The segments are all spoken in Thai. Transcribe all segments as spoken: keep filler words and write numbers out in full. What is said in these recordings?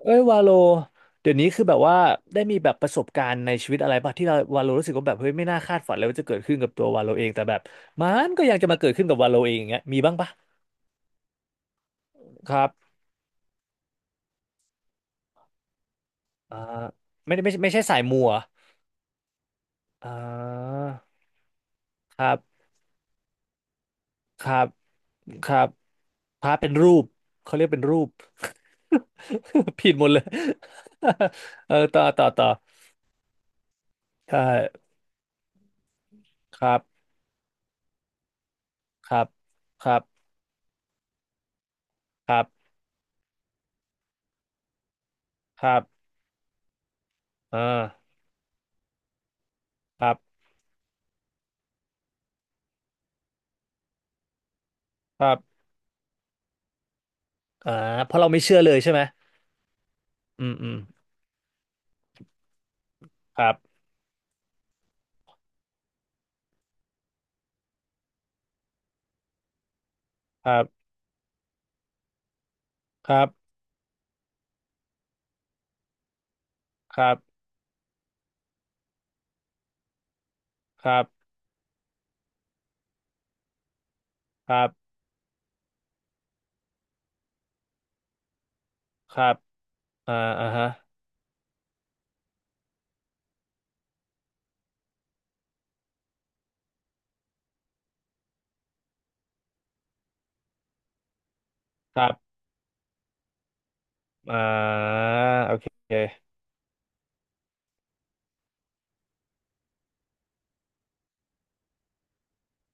เอ้ยวาโลเดี๋ยวนี้คือแบบว่าได้มีแบบประสบการณ์ในชีวิตอะไรป่ะที่เราวาโลรู้สึกว่าแบบเฮ้ยไม่น่าคาดฝันเลยว่าจะเกิดขึ้นกับตัววาโลเองแต่แบบมันก็ยังจะมาเกิดขึ้นกับวาโลเองอย่างเงี้ยมีบ้างป่ะครับอ่าไม่ได้ไม่ใช่ไม่ใช่สายมัวออ่าครับครับครับพระเป็นรูปเขาเรียกเป็นรูป ผิดหมดเลย เออต่อต่อต่อใช่ครับครับครับครับครับอ่าครับครับ อ่าเพราะเราไม่เชื่อเลยใช่ไหมอืมอืมครับครับครับครับครับครับครับอ่าอ่าฮะครับอ่าโอเค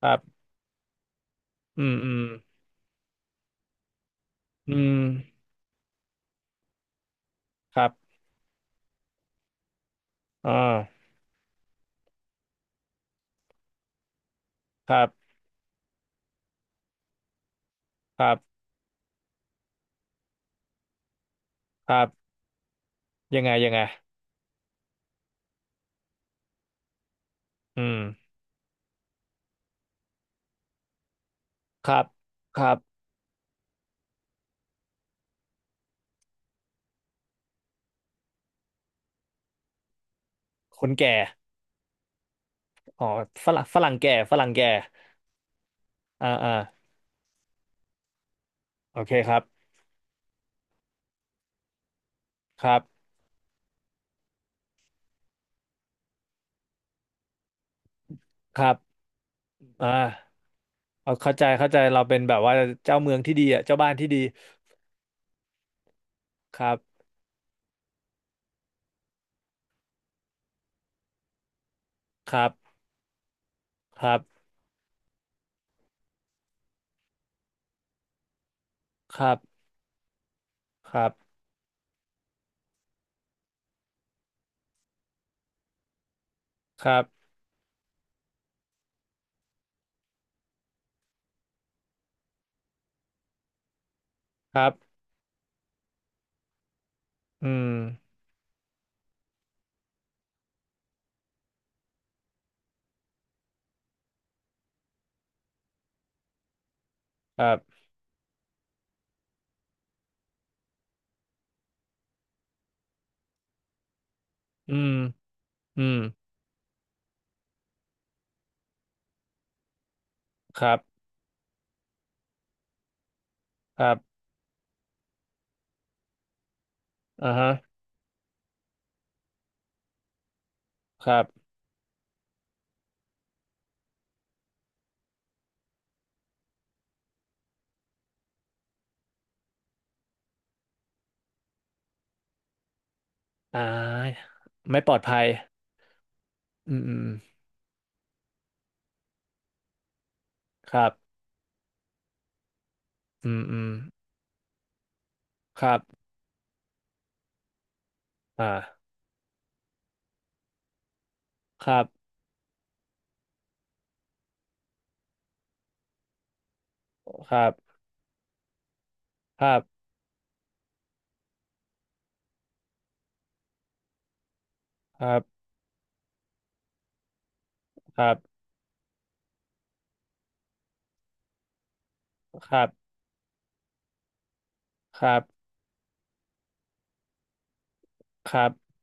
ครับอืมอืมอืมครับอ่าครับครับครับยังไงยังไงอืมครับครับคนแก่อ๋อฝรั่งฝรั่งแก่ฝรั่งแก่อ่าอ่าโอเคครับครับครับอ่าเอาเข้าใจเข้าใจเราเป็นแบบว่าเจ้าเมืองที่ดีอ่ะเจ้าบ้านที่ดีครับครับ ครับ ครับ ครับครับครับอืมครับอืมอืมครับครับอ่าฮะครับอ่าไม่ปลอดภัยอืมอืมครับอืมอืมครับอ่าครับครับครับครับครับครับครับ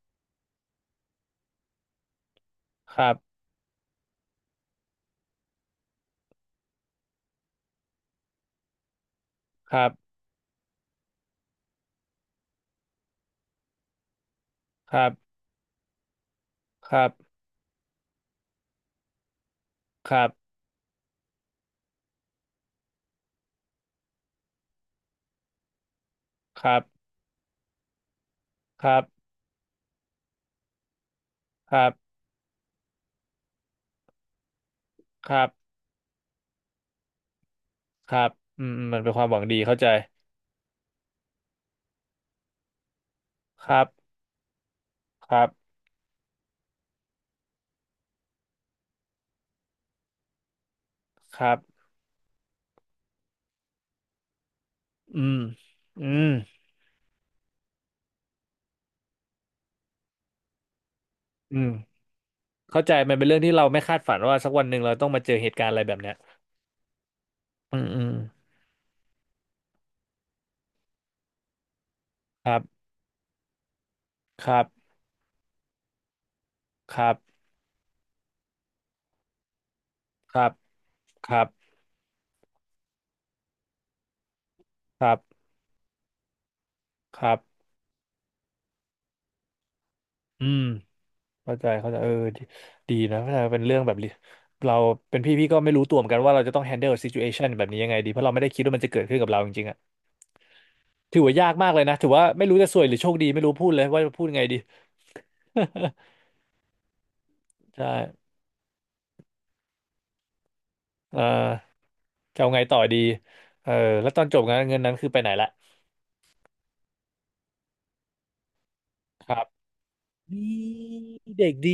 ครับครับครับครับครับครับครับครับครับครับครับอืมอืมมันเป็นความหวังดีเข้าใจครับครับครับ อืมอืม อืม เข้าใจมันเป็นเรื่องที่เราไม่คาดฝันว่าสักวันหนึ่งเราต้องมาเจอเหตุการณ์อะไรแบบเนี้ยอืมอืมครับครับ ครับ ครับ ครับ ครับครับอืม เข้าใจเข้าใจ เออดีดีนะเข้าใจเป็นเรื่องแบบนี้เราเป็นพี่พี่ก็ไม่รู้ตัวเหมือนกันว่าเราจะต้อง handle situation แบบนี้ยังไงดีเพราะเราไม่ได้คิดว่ามันจะเกิดขึ้นกับเราจริงๆอะถือว่ายากมากเลยนะถือว่าไม่รู้จะซวยหรือโชคดีไม่รู้พูดเลยว่าจะพูดยังไงดี ใช่เออจะเอาไงต่อดีเออแล้วตอนจบงานเงินนั้นคือไปไหนละครับ ดีเด็กดี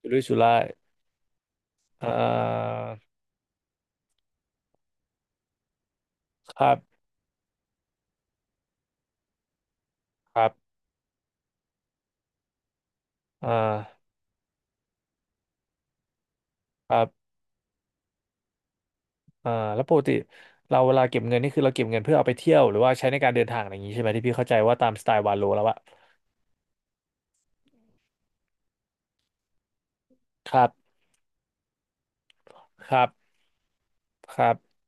สุรุ่ยสุร่ายอ่าครับครับอ่าครับอ่าแล้วปกติเราเวลาเก็บเงินนี่คือเราเก็บเงินเพื่อเอาไปเที่ยวหรือว่าใช้ในการเดินทางอะไรอย่างนี้ใช่ไหมที่พี่เข้าใจว่าตามสไตล์วาโลแล้วอะครับครับครับ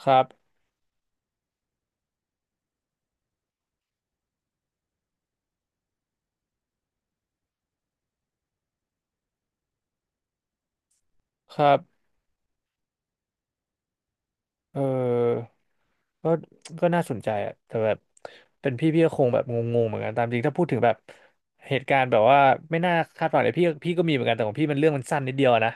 ครับครับ เออก็ก็น่าสนใจอะแต่แบบเป็นพี่พี่ก็คงแบบงงๆเหมือนกันตามจริงถ้าพูดถึงแบบเหตุการณ์แบบว่าไม่น่าคาดฝันเลยพี่พี่ก็มีเหมือนกันแต่ของพี่มันเรื่องมันสั้นนิดเดียวอะนะ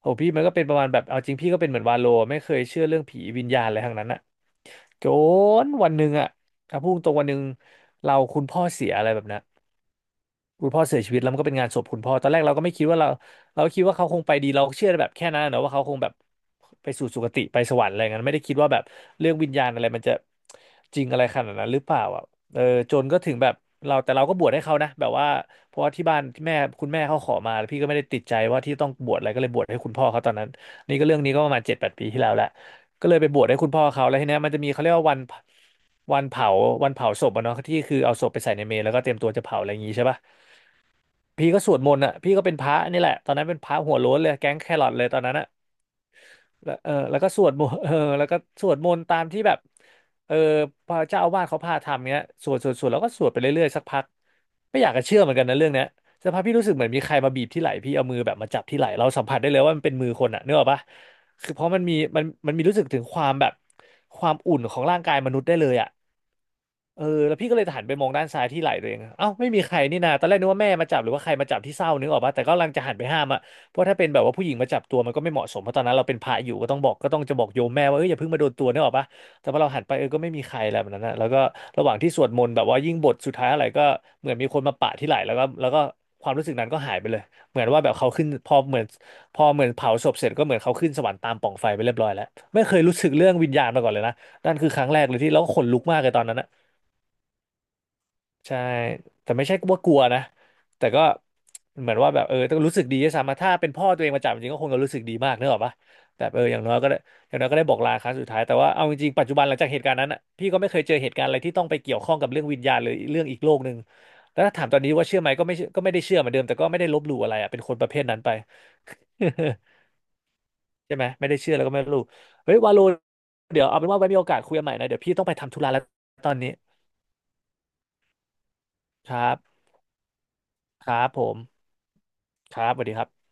โอ้พี่มันก็เป็นประมาณแบบเอาจริงพี่ก็เป็นเหมือนวาโลไม่เคยเชื่อเรื่องผีวิญญาณอะไรทั้งนั้นอะจนวันหนึ่งอะถ้าพูดตรงวันหนึ่งเราคุณพ่อเสียอะไรแบบนั้น คุณพ่อเสียชีวิตแล้วมันก็เป็นงานศพคุณพ่อตอนแรกเราก็ไม่คิดว่าเราเราก็คิดว่าเขาคงไปดีเราเชื่อแบบแค่นั้นนะว่าเขาคงแบบไปสู่สุคติไปสวรรค์อะไรเงี้ยไม่ได้คิดว่าแบบเรื่องวิญญาณอะไรมันจะจริงอะไรขนาดนั้นหรือเปล่าอ่ะเออจนก็ถึงแบบเราแต่เราก็บวชให้เขานะแบบว่าเพราะว่าที่บ้านที่แม่คุณแม่เขาขอมาแล้วพี่ก็ไม่ได้ติดใจว่าที่ต้องบวชอะไรก็เลยบวชให้คุณพ่อเขาตอนนั้นนี่ก็เรื่องนี้ก็ประมาณเจ็ดแปดปีที่แล้วแหละก็เลยไปบวชให้คุณพ่อเขาแล้วทีเนี้ยมันจะมีเขาเรียกว่าวันวันเผาวันเผาศพอะเนาะที่คือเอาศพไปใส่ในเมรุแล้วก็เตรียมตัวจะเผาอะไรอย่างงี้ใช่ปะ พี่ก็สวดมนต์อ่ะพี่ก็เป็นพระนี่แหละตอนนั้นเป็นพระหัวโล้นเลยแก๊งแครอทเลยตอนนั้นอ่ะแล้วเออแล้วก็สวดมนต์ เออแล้วก็สวดมนต์ตามที่แบบเออพระเจ้าอาวาสเขาพาทำเงี้ยสวดสวดสวดแล้วก็สวดไปเรื่อยๆสักพักไม่อยากจะเชื่อเหมือนกันนะเรื่องเนี้ยสักพักพี่รู้สึกเหมือนมีใครมาบีบที่ไหล่พี่เอามือแบบมาจับที่ไหล่เราสัมผัสได้เลยว่ามันเป็นมือคนอ่ะนึกออกปะคือเพราะมันมีมันมันมีรู้สึกถึงความแบบความอุ่นของร่างกายมนุษย์ได้เลยอ่ะ เออแล้วพี่ก็เลยหันไปมองด้านซ้ายที่ไหล่ตัวเองเอ้าไม่มีใครนี่นาตอนแรกนึกว่าแม่มาจับหรือว่าใครมาจับที่เศร้านึกออกปะแต่ก็กำลังจะหันไปห้ามอะเพราะถ้าเป็นแบบว่าผู้หญิงมาจับตัวมันก็ไม่เหมาะสมเพราะตอนนั้นเราเป็นพระอยู่ก็ต้องบอกก็ต้องจะบอกโยมแม่ว่าเอออย่าเพิ่งมาโดนตัวนึกออกปะแต่พอเราหันไปเออก็ไม่มีใครแล้วแบบนั้นนะแล้วก็ระหว่างที่สวดมนต์แบบว่ายิ่งบทสุดท้ายอะไรก็เหมือนมีคนมาปะที่ไหล่แล้วก็แล้วก็ความรู้สึกนั้นก็หายไปเลยเหมือนว่าแบบเขาขึ้นพอเหมือนพอเหมือนเผาศพเสร็จก็เหมือนเขาขึ้นสวรรค์ตามปล่องไฟไปเรียบร้อยแล้วไม่เคยรู้สึกเรื่องวิญญาณมาก่อนเลยนะนั่นคือครั้งแรกเลยที่แล้วก็ขนลุกมากเลยตอนนั้นนะ ใช่แต่ไม่ใช่ว่ากลัวนะแต่ก็เหมือนว่าแบบเออต้องรู้สึกดีด้วยซ้ำอะถ้าเป็นพ่อตัวเองมาจับจริงก็คงจะรู้สึกดีมากเนกอะปะแต่เอออย่างน้อยก็ได้อย่างน้อยก็ได้บอกลาครั้งสุดท้ายแต่ว่าเอาจริงๆปัจจุบันหลังจากเหตุการณ์นั้นอะพี่ก็ไม่เคยเจอเหตุการณ์อะไรที่ต้องไปเกี่ยวข้องกับเรื่องวิญญาณหรือเรื่องอีกโลกหนึ่งแล้วถ้าถามตอนนี้ว่าเชื่อไหมก็ไม่เชื่อก็ไม่ได้เชื่อเหมือนเดิมแต่ก็ไม่ได้ลบหลู่อะไรอะเป็นคนประเภทนั้นไป ใช่ไหมไม่ได้เชื่อแล้วก็ไม่ลบหลู่เฮ้ยวาโลเดี๋ยวเอาเป็นว่าไว้มีโอกาสคุยกันใหม่นะเดี๋ยวพี่ต้องไปทำธุระแล้วตอนนี้ครับครับผมครับสวัสดีครับ